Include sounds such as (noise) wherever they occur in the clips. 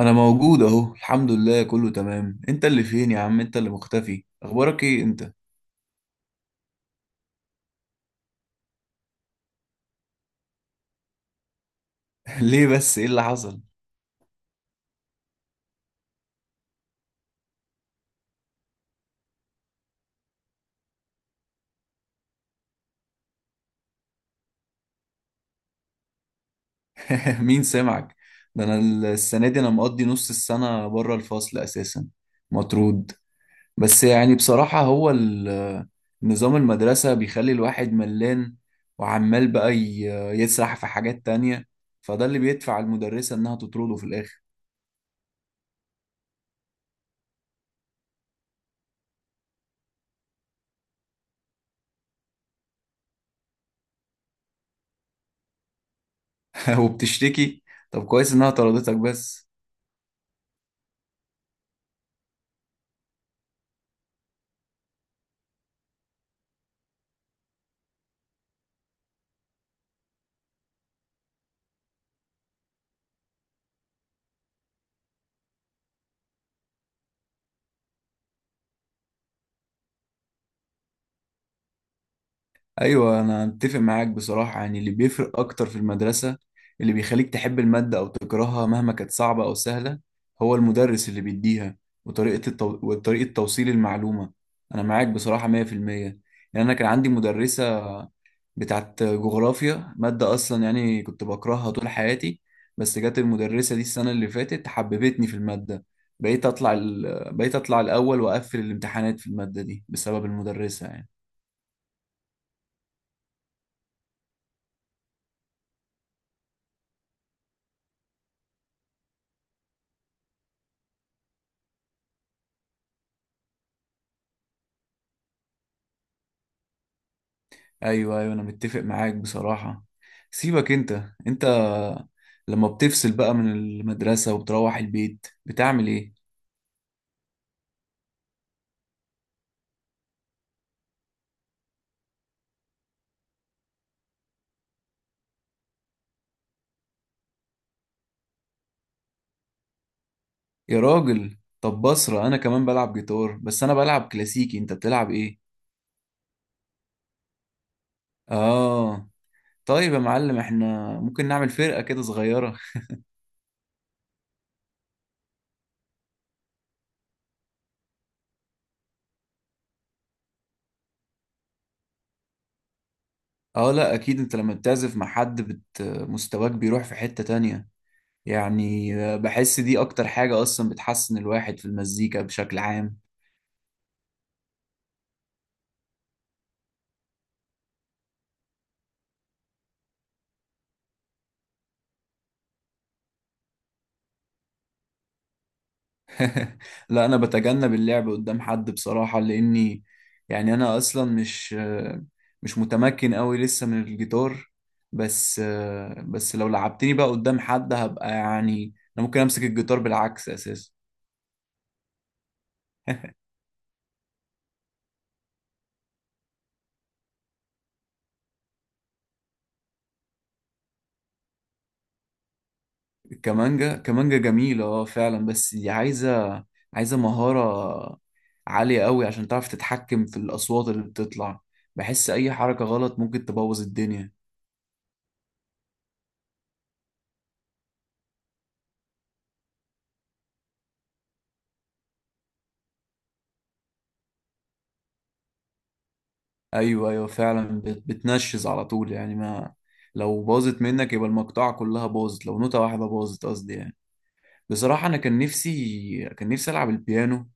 انا موجود اهو، الحمد لله كله تمام. انت اللي فين يا عم؟ انت اللي مختفي. اخبارك ايه انت؟ (laughs) ليه بس؟ ايه اللي حصل؟ (laughs) مين سمعك؟ ده انا السنه دي انا مقضي نص السنه بره الفصل اساسا، مطرود. بس يعني بصراحه هو نظام المدرسه بيخلي الواحد ملان، وعمال بقى يسرح في حاجات تانية، فده اللي بيدفع المدرسه انها تطرده في الاخر. (laughs) وبتشتكي؟ طب كويس انها طردتك بس. ايوه انا اتفق معاك بصراحه، يعني اللي بيفرق اكتر في المدرسه، اللي بيخليك تحب الماده او تكرهها مهما كانت صعبه او سهله هو المدرس اللي بيديها وطريقه توصيل المعلومه. انا معاك بصراحه 100%. يعني انا كان عندي مدرسه بتاعت جغرافيا، ماده اصلا يعني كنت بكرهها طول حياتي، بس جت المدرسه دي السنه اللي فاتت حببتني في الماده، بقيت اطلع الاول واقفل الامتحانات في الماده دي بسبب المدرسه يعني. ايوه ايوه انا متفق معاك بصراحة. سيبك انت، انت لما بتفصل بقى من المدرسة وبتروح البيت بتعمل ايه؟ يا راجل طب بصرة انا كمان بلعب جيتار، بس انا بلعب كلاسيكي. انت بتلعب ايه؟ اه طيب يا معلم، احنا ممكن نعمل فرقة كده صغيرة. اه لا اكيد، انت لما بتعزف مع حد مستواك بيروح في حتة تانية. يعني بحس دي اكتر حاجة اصلا بتحسن الواحد في المزيكا بشكل عام. (laughs) لا انا بتجنب اللعب قدام حد بصراحة، لاني يعني انا اصلا مش متمكن قوي لسه من الجيتار. بس لو لعبتني بقى قدام حد هبقى يعني انا ممكن امسك الجيتار بالعكس اساسا. الكمانجا كمانجا جميلة اه فعلا، بس دي عايزة مهارة عالية قوي عشان تعرف تتحكم في الاصوات اللي بتطلع. بحس اي حركة غلط ممكن تبوظ الدنيا. ايوه ايوه فعلا بتنشز على طول، يعني ما لو باظت منك يبقى المقطعه كلها باظت، لو نوتة واحده باظت قصدي يعني. بصراحه انا كان نفسي العب البيانو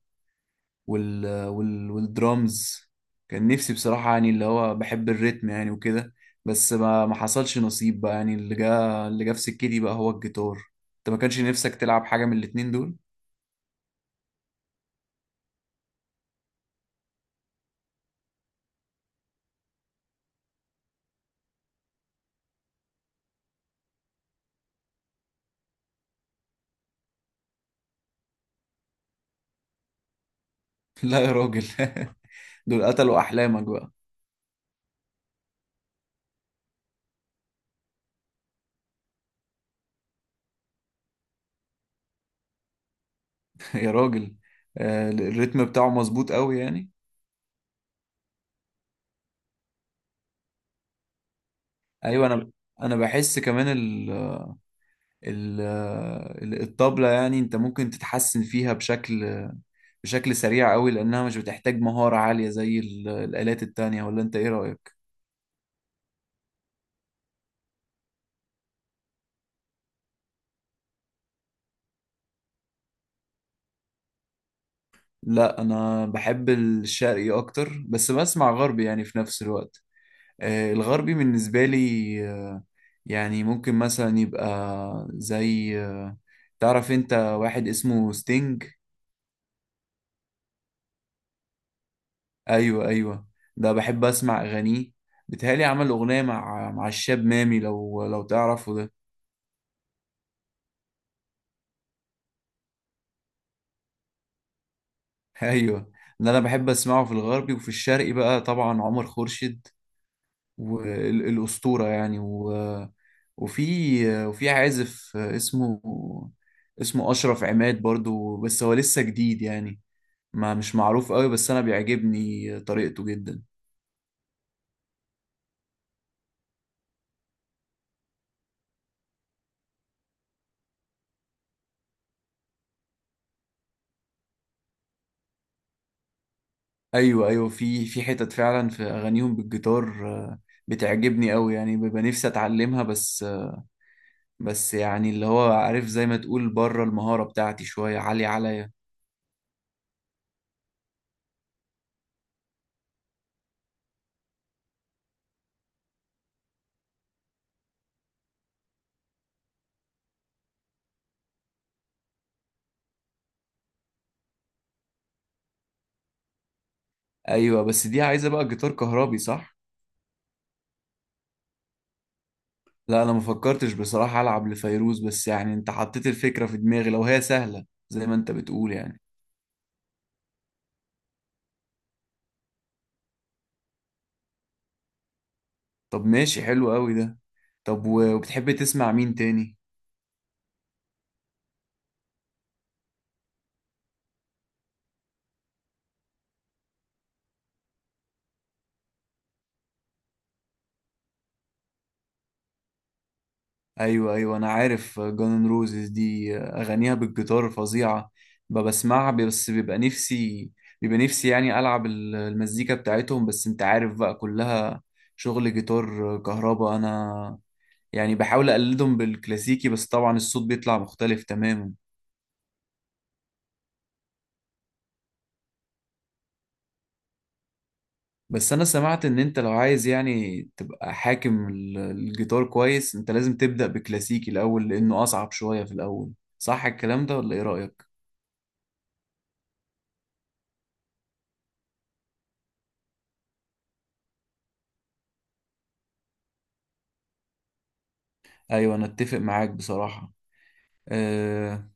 والدرامز. كان نفسي بصراحه يعني اللي هو بحب الريتم يعني وكده، بس ما حصلش نصيب بقى. يعني اللي جا في سكتي بقى هو الجيتار. انت ما كانش نفسك تلعب حاجه من الاتنين دول؟ (laughs) لا يا راجل (laughs) دول قتلوا احلامك بقى. (laughs) يا راجل، الريتم بتاعه مظبوط قوي يعني. ايوه انا بحس كمان ال ال الطبلة يعني انت ممكن تتحسن فيها بشكل سريع قوي لانها مش بتحتاج مهارة عالية زي الآلات التانية. ولا انت ايه رأيك؟ لا انا بحب الشرقي اكتر، بس بسمع غربي يعني في نفس الوقت. الغربي بالنسبة لي آه، يعني ممكن مثلا يبقى زي تعرف انت واحد اسمه ستينج؟ ايوه ايوه. ده بحب اسمع اغانيه. بيتهيألي عمل اغنيه مع الشاب مامي لو تعرفه ده. (laughs) ايوه. ده انا بحب اسمعه في الغربي، وفي الشرقي بقى طبعا عمر خورشيد والاسطوره يعني وفي عازف اسمه اشرف عماد برضو، بس هو لسه جديد يعني، ما مش معروف قوي، بس انا بيعجبني طريقته جدا. ايوه ايوه في حتت فعلا في اغانيهم بالجيتار، بتعجبني قوي يعني، ببقى نفسي اتعلمها، بس بس يعني اللي هو عارف زي ما تقول بره المهارة بتاعتي شوية عالية عليا. ايوه بس دي عايزة بقى جيتار كهربي صح؟ لا انا ما فكرتش بصراحة العب لفيروز، بس يعني انت حطيت الفكرة في دماغي لو هي سهلة زي ما انت بتقول يعني. طب ماشي حلو قوي ده. طب وبتحب تسمع مين تاني؟ ايوه ايوه انا عارف جانن روزز دي اغانيها بالجيتار فظيعه. بسمعها، بس بيبقى نفسي يعني العب المزيكا بتاعتهم، بس انت عارف بقى كلها شغل جيتار كهربا. انا يعني بحاول اقلدهم بالكلاسيكي بس طبعا الصوت بيطلع مختلف تماما. بس انا سمعت ان انت لو عايز يعني تبقى حاكم الجيتار كويس انت لازم تبدأ بكلاسيكي الاول لانه اصعب شويه في الاول. صح الكلام ده ولا ايه رأيك؟ ايوه انا اتفق معاك بصراحه. أه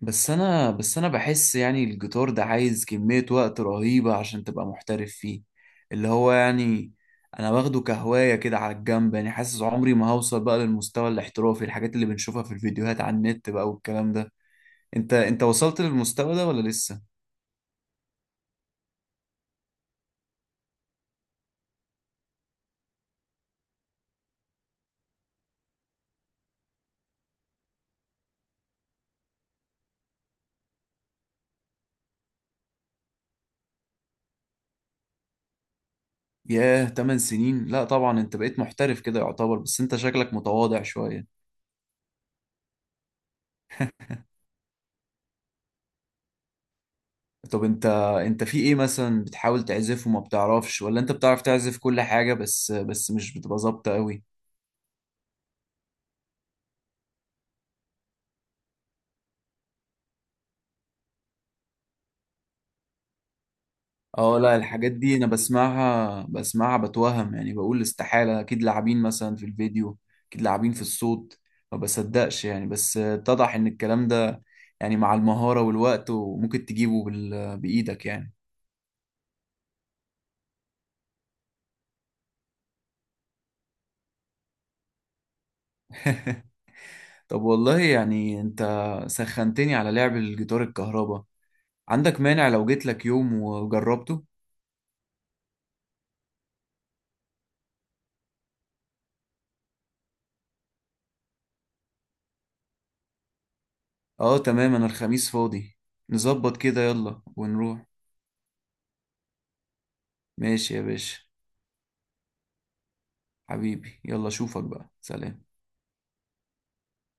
بس انا بحس يعني الجيتار ده عايز كمية وقت رهيبة عشان تبقى محترف فيه. اللي هو يعني انا واخده كهواية كده على الجنب، يعني حاسس عمري ما هوصل بقى للمستوى الاحترافي الحاجات اللي بنشوفها في الفيديوهات على النت بقى والكلام ده. انت وصلت للمستوى ده ولا لسه؟ ياه 8 سنين، لا طبعا انت بقيت محترف كده يعتبر، بس انت شكلك متواضع شوية. طب انت في ايه مثلا بتحاول تعزفه وما بتعرفش؟ ولا انت بتعرف تعزف كل حاجة بس مش بتبقى ظابطة قوي؟ اه لا الحاجات دي انا بسمعها بتوهم، يعني بقول استحالة اكيد لاعبين مثلا في الفيديو، اكيد لاعبين في الصوت، ما بصدقش يعني. بس اتضح ان الكلام ده يعني مع المهارة والوقت، وممكن تجيبه بإيدك يعني. (laughs) طب والله يعني انت سخنتني على لعب الجيتار الكهرباء. عندك مانع لو جيت لك يوم وجربته؟ اه تمام انا الخميس فاضي. نظبط كده يلا ونروح. ماشي يا باشا. حبيبي يلا اشوفك بقى، سلام.